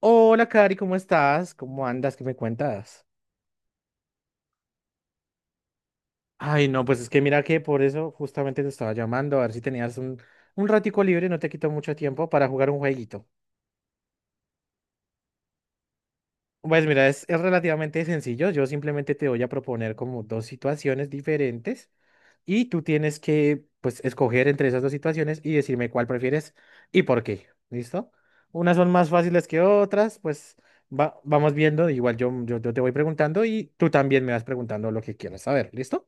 Hola, Cari, ¿cómo estás? ¿Cómo andas? ¿Qué me cuentas? Ay, no, pues es que mira que por eso justamente te estaba llamando, a ver si tenías un ratico libre, no te quito mucho tiempo para jugar un jueguito. Pues mira, es relativamente sencillo, yo simplemente te voy a proponer como dos situaciones diferentes y tú tienes que, pues, escoger entre esas dos situaciones y decirme cuál prefieres y por qué, ¿listo? Unas son más fáciles que otras, pues vamos viendo, igual yo te voy preguntando y tú también me vas preguntando lo que quieras saber, ¿listo?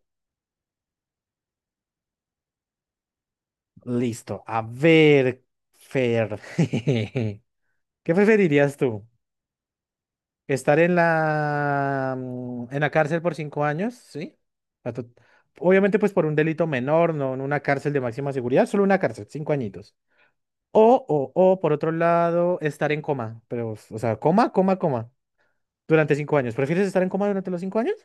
Listo. A ver, Fer. ¿Qué preferirías tú? ¿Estar en la cárcel por 5 años? ¿Sí? A tu- Obviamente, pues por un delito menor, no en una cárcel de máxima seguridad, solo una cárcel, 5 añitos. O por otro lado, estar en coma, pero, o sea, coma, coma, coma, durante 5 años. ¿Prefieres estar en coma durante los 5 años?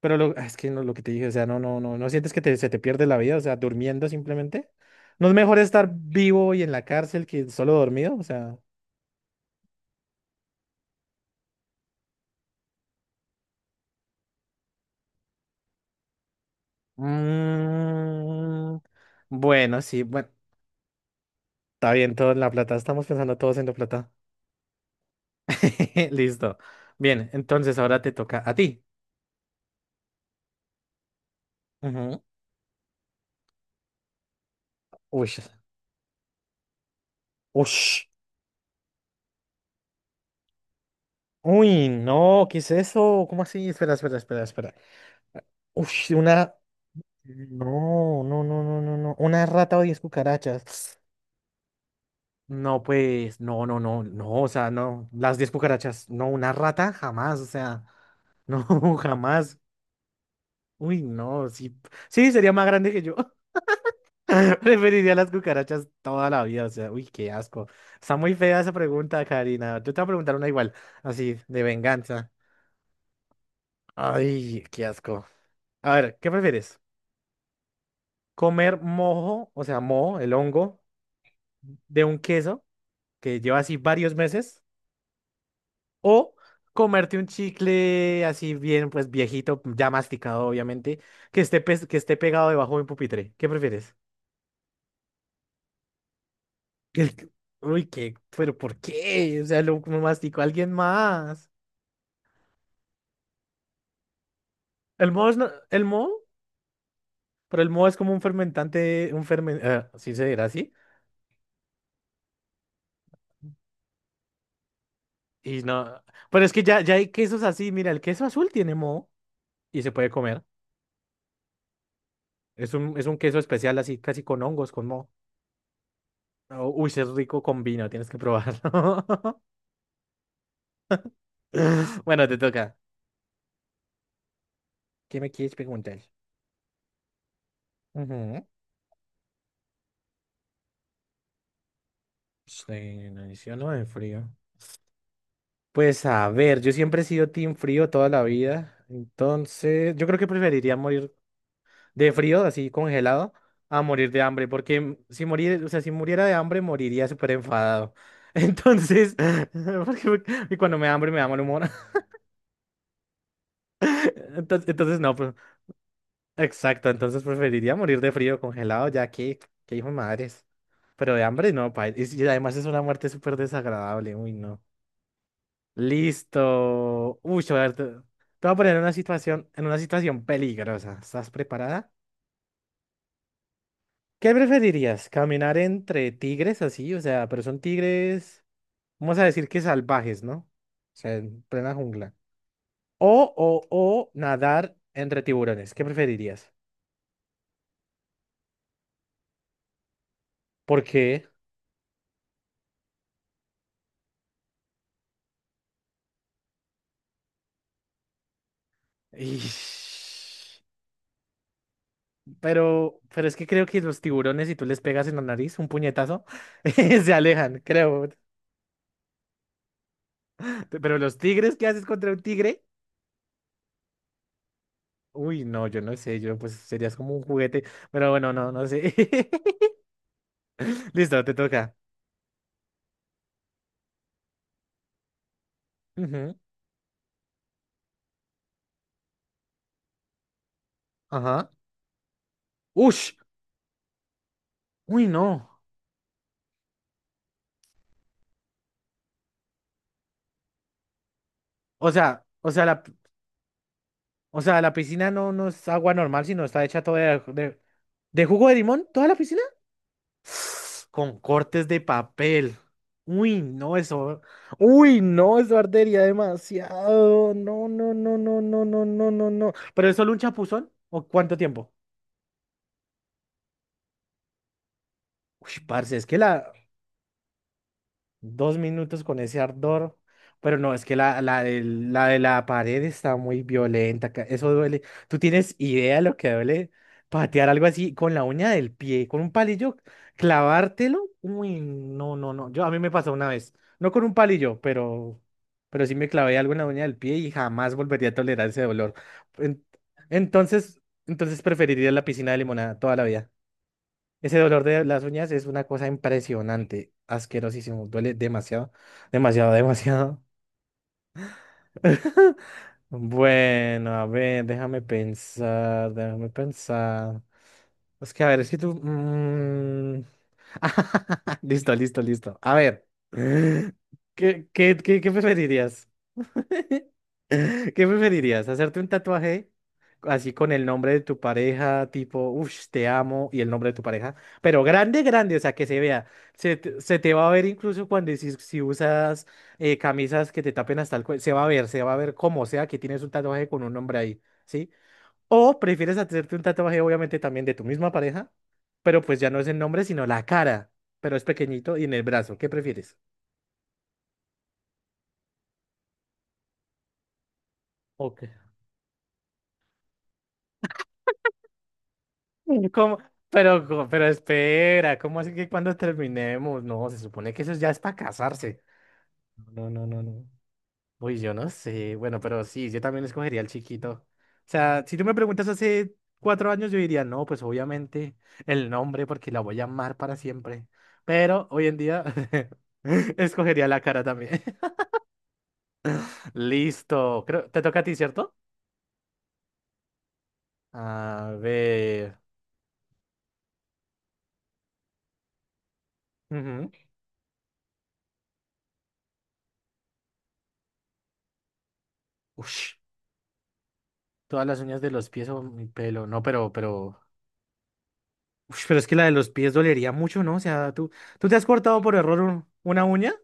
Pero es que no, lo que te dije, o sea, no, no, no, no sientes que se te pierde la vida, o sea, durmiendo simplemente. ¿No es mejor estar vivo y en la cárcel que solo dormido? O sea. Mm, bueno, sí, bueno. Está bien, todo en la plata, estamos pensando todos en la plata. Listo. Bien, entonces ahora te toca a ti. Ujú. Uy, uy, uy, no, ¿qué es eso? ¿Cómo así? Espera, espera, espera, espera. Uy, una... no, no, no, no, no, no. Una rata o 10 cucarachas. No, pues, no, no, no, no, o sea, no, las 10 cucarachas, no, una rata, jamás, o sea, no, jamás. Uy, no, sí, sí, sería más grande que yo. Preferiría las cucarachas toda la vida, o sea, uy, qué asco. Está muy fea esa pregunta, Karina. Yo te voy a preguntar una igual, así, de venganza. Ay, qué asco. A ver, ¿qué prefieres? ¿Comer mojo, o sea, moho, el hongo, de un queso que lleva así varios meses? O comerte un chicle así bien, pues viejito, ya masticado, obviamente, que esté pegado debajo de un pupitre. ¿Qué prefieres? el- Uy, qué, pero ¿por qué? O sea, lo masticó alguien más. El moho es no- el moho, pero el moho es como un fermentante, sí se dirá así. Y no, pero es que ya hay quesos así, mira, el queso azul tiene moho y se puede comer. Es un queso especial así, casi con hongos, con moho. Oh, uy, sí es rico con vino, tienes que probarlo. Bueno, te toca. ¿Qué me quieres preguntar? Ujú. Sí, no, no de frío. Pues a ver, yo siempre he sido team frío toda la vida, entonces yo creo que preferiría morir de frío, así congelado, a morir de hambre, porque si morir, o sea, si muriera de hambre moriría súper enfadado. Entonces, porque me- y cuando me da hambre me da mal humor. Entonces no, pues, exacto, entonces preferiría morir de frío congelado, ya que hijo de madres. Pero de hambre no, pa. Y además es una muerte súper desagradable, uy, no. Listo. Uy, a ver, te voy a poner en una situación peligrosa. ¿Estás preparada? ¿Qué preferirías? ¿Caminar entre tigres así? O sea, pero son tigres, vamos a decir que salvajes, ¿no? O sea, en plena jungla. O, o, o nadar entre tiburones. ¿Qué preferirías? ¿Por qué? Ish. Pero es que creo que los tiburones, si tú les pegas en la nariz un puñetazo, se alejan, creo. Pero los tigres, ¿qué haces contra un tigre? Uy, no, yo no sé, yo pues serías como un juguete. Pero bueno, no, no sé. Listo, te toca. Ujú, ajá. Ush, uy, no. o sea, la, o sea, la piscina no, no es agua normal, sino está hecha toda de jugo de limón, toda la piscina. Con cortes de papel. Uy, no, eso. Uy, no, eso ardería demasiado. No, no, no, no, no, no, no, no, no. ¿Pero es solo un chapuzón? ¿O cuánto tiempo? Uy, parce, es que la. 2 minutos con ese ardor. Pero no, es que la de la pared está muy violenta. Eso duele. ¿Tú tienes idea de lo que duele patear algo así con la uña del pie, con un palillo, clavártelo? Uy, no, no, no. Yo, a mí me pasó una vez. No con un palillo, pero sí me clavé algo en la uña del pie y jamás volvería a tolerar ese dolor. En- entonces, entonces preferiría la piscina de limonada toda la vida. Ese dolor de las uñas es una cosa impresionante, asquerosísimo, duele demasiado, demasiado, demasiado. Bueno, a ver, déjame pensar, déjame pensar. Es que, a ver, es que tú. Listo, listo, listo. A ver, ¿Qué preferirías? ¿Qué preferirías? ¿Hacerte un tatuaje así con el nombre de tu pareja, tipo, uff, te amo, y el nombre de tu pareja? Pero grande, grande, o sea, que se vea. Se te va a ver incluso cuando si usas camisas que te tapen hasta el cuello. Se va a ver, se va a ver como sea que tienes un tatuaje con un nombre ahí, ¿sí? O prefieres hacerte un tatuaje, obviamente, también de tu misma pareja, pero pues ya no es el nombre, sino la cara, pero es pequeñito y en el brazo. ¿Qué prefieres? Ok. ¿Cómo? Pero, pero espera, ¿cómo así que cuando terminemos? No, se supone que eso ya es para casarse. No, no, no, no. Uy, yo no sé. Bueno, pero sí, yo también escogería al chiquito. O sea, si tú me preguntas hace 4 años, yo diría, no, pues obviamente el nombre, porque la voy a amar para siempre. Pero hoy en día escogería la cara también. Listo. Creo, te toca a ti, ¿cierto? A ver. Ujú. Ush, todas las uñas de los pies o mi pelo. No, pero, pero. Ush, pero es que la de los pies dolería mucho, ¿no? O sea, ¿tú te has cortado por error una uña?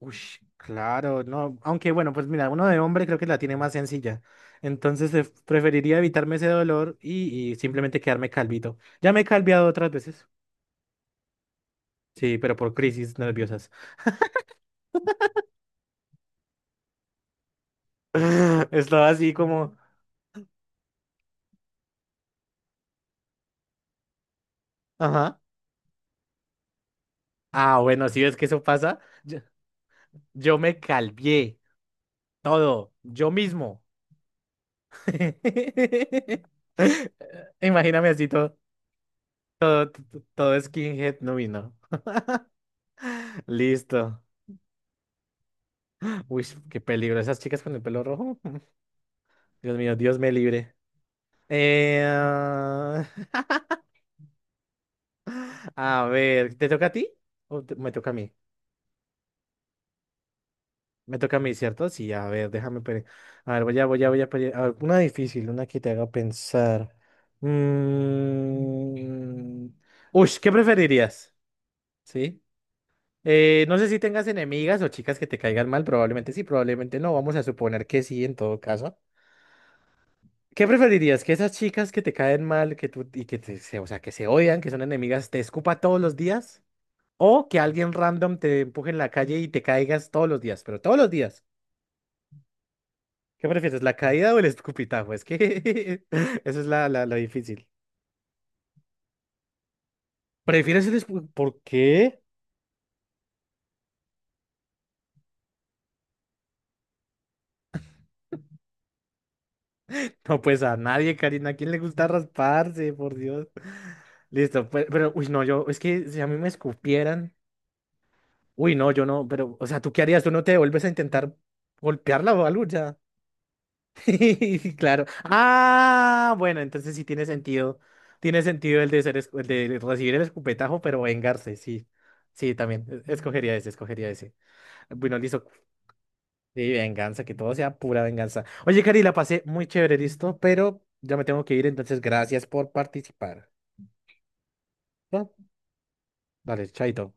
Ush, claro, no. Aunque bueno, pues mira, uno de hombre creo que la tiene más sencilla. Entonces preferiría evitarme ese dolor y simplemente quedarme calvito. Ya me he calviado otras veces. Sí, pero por crisis nerviosas. Estaba así como... Ajá. Ah, bueno, si ves que eso pasa, yo, yo me calvié todo, yo mismo. Imagíname así todo. Todo skinhead no vino. Listo. Uy, qué peligro. Esas chicas con el pelo rojo. Dios mío, Dios me libre. Eh, ah, a ver, ¿te toca a ti? ¿O me toca a mí? Me toca a mí, ¿cierto? Sí, a ver, déjame. A ver, voy a. A ver, una difícil, una que te haga pensar. Mm, Uy, ¿qué preferirías? ¿Sí? No sé si tengas enemigas o chicas que te caigan mal. Probablemente sí, probablemente no. Vamos a suponer que sí, en todo caso. ¿Qué preferirías? ¿Que esas chicas que te caen mal, que tú y que te, se, o sea, que se odian, que son enemigas, te escupa todos los días? ¿O que alguien random te empuje en la calle y te caigas todos los días? Pero todos los días. ¿Qué prefieres, la caída o el escupitajo? Es que eso es la difícil. ¿Prefieres el escupitajo? ¿Por qué? No, pues a nadie, Karina. ¿A quién le gusta rasparse? Por Dios. Listo, pero, uy, no, yo, es que si a mí me escupieran, uy, no, yo no, pero, o sea, ¿tú qué harías? ¿Tú no te vuelves a intentar golpearla o algo? Ya. Claro. Ah, bueno, entonces sí tiene sentido. Tiene sentido el de recibir el escupetajo, pero vengarse, sí. Sí, también. Escogería ese, escogería ese. Bueno, listo. Sí, venganza, que todo sea pura venganza. Oye, Cari, la pasé muy chévere, listo, pero ya me tengo que ir, entonces gracias por participar. ¿Va? Vale, chaito.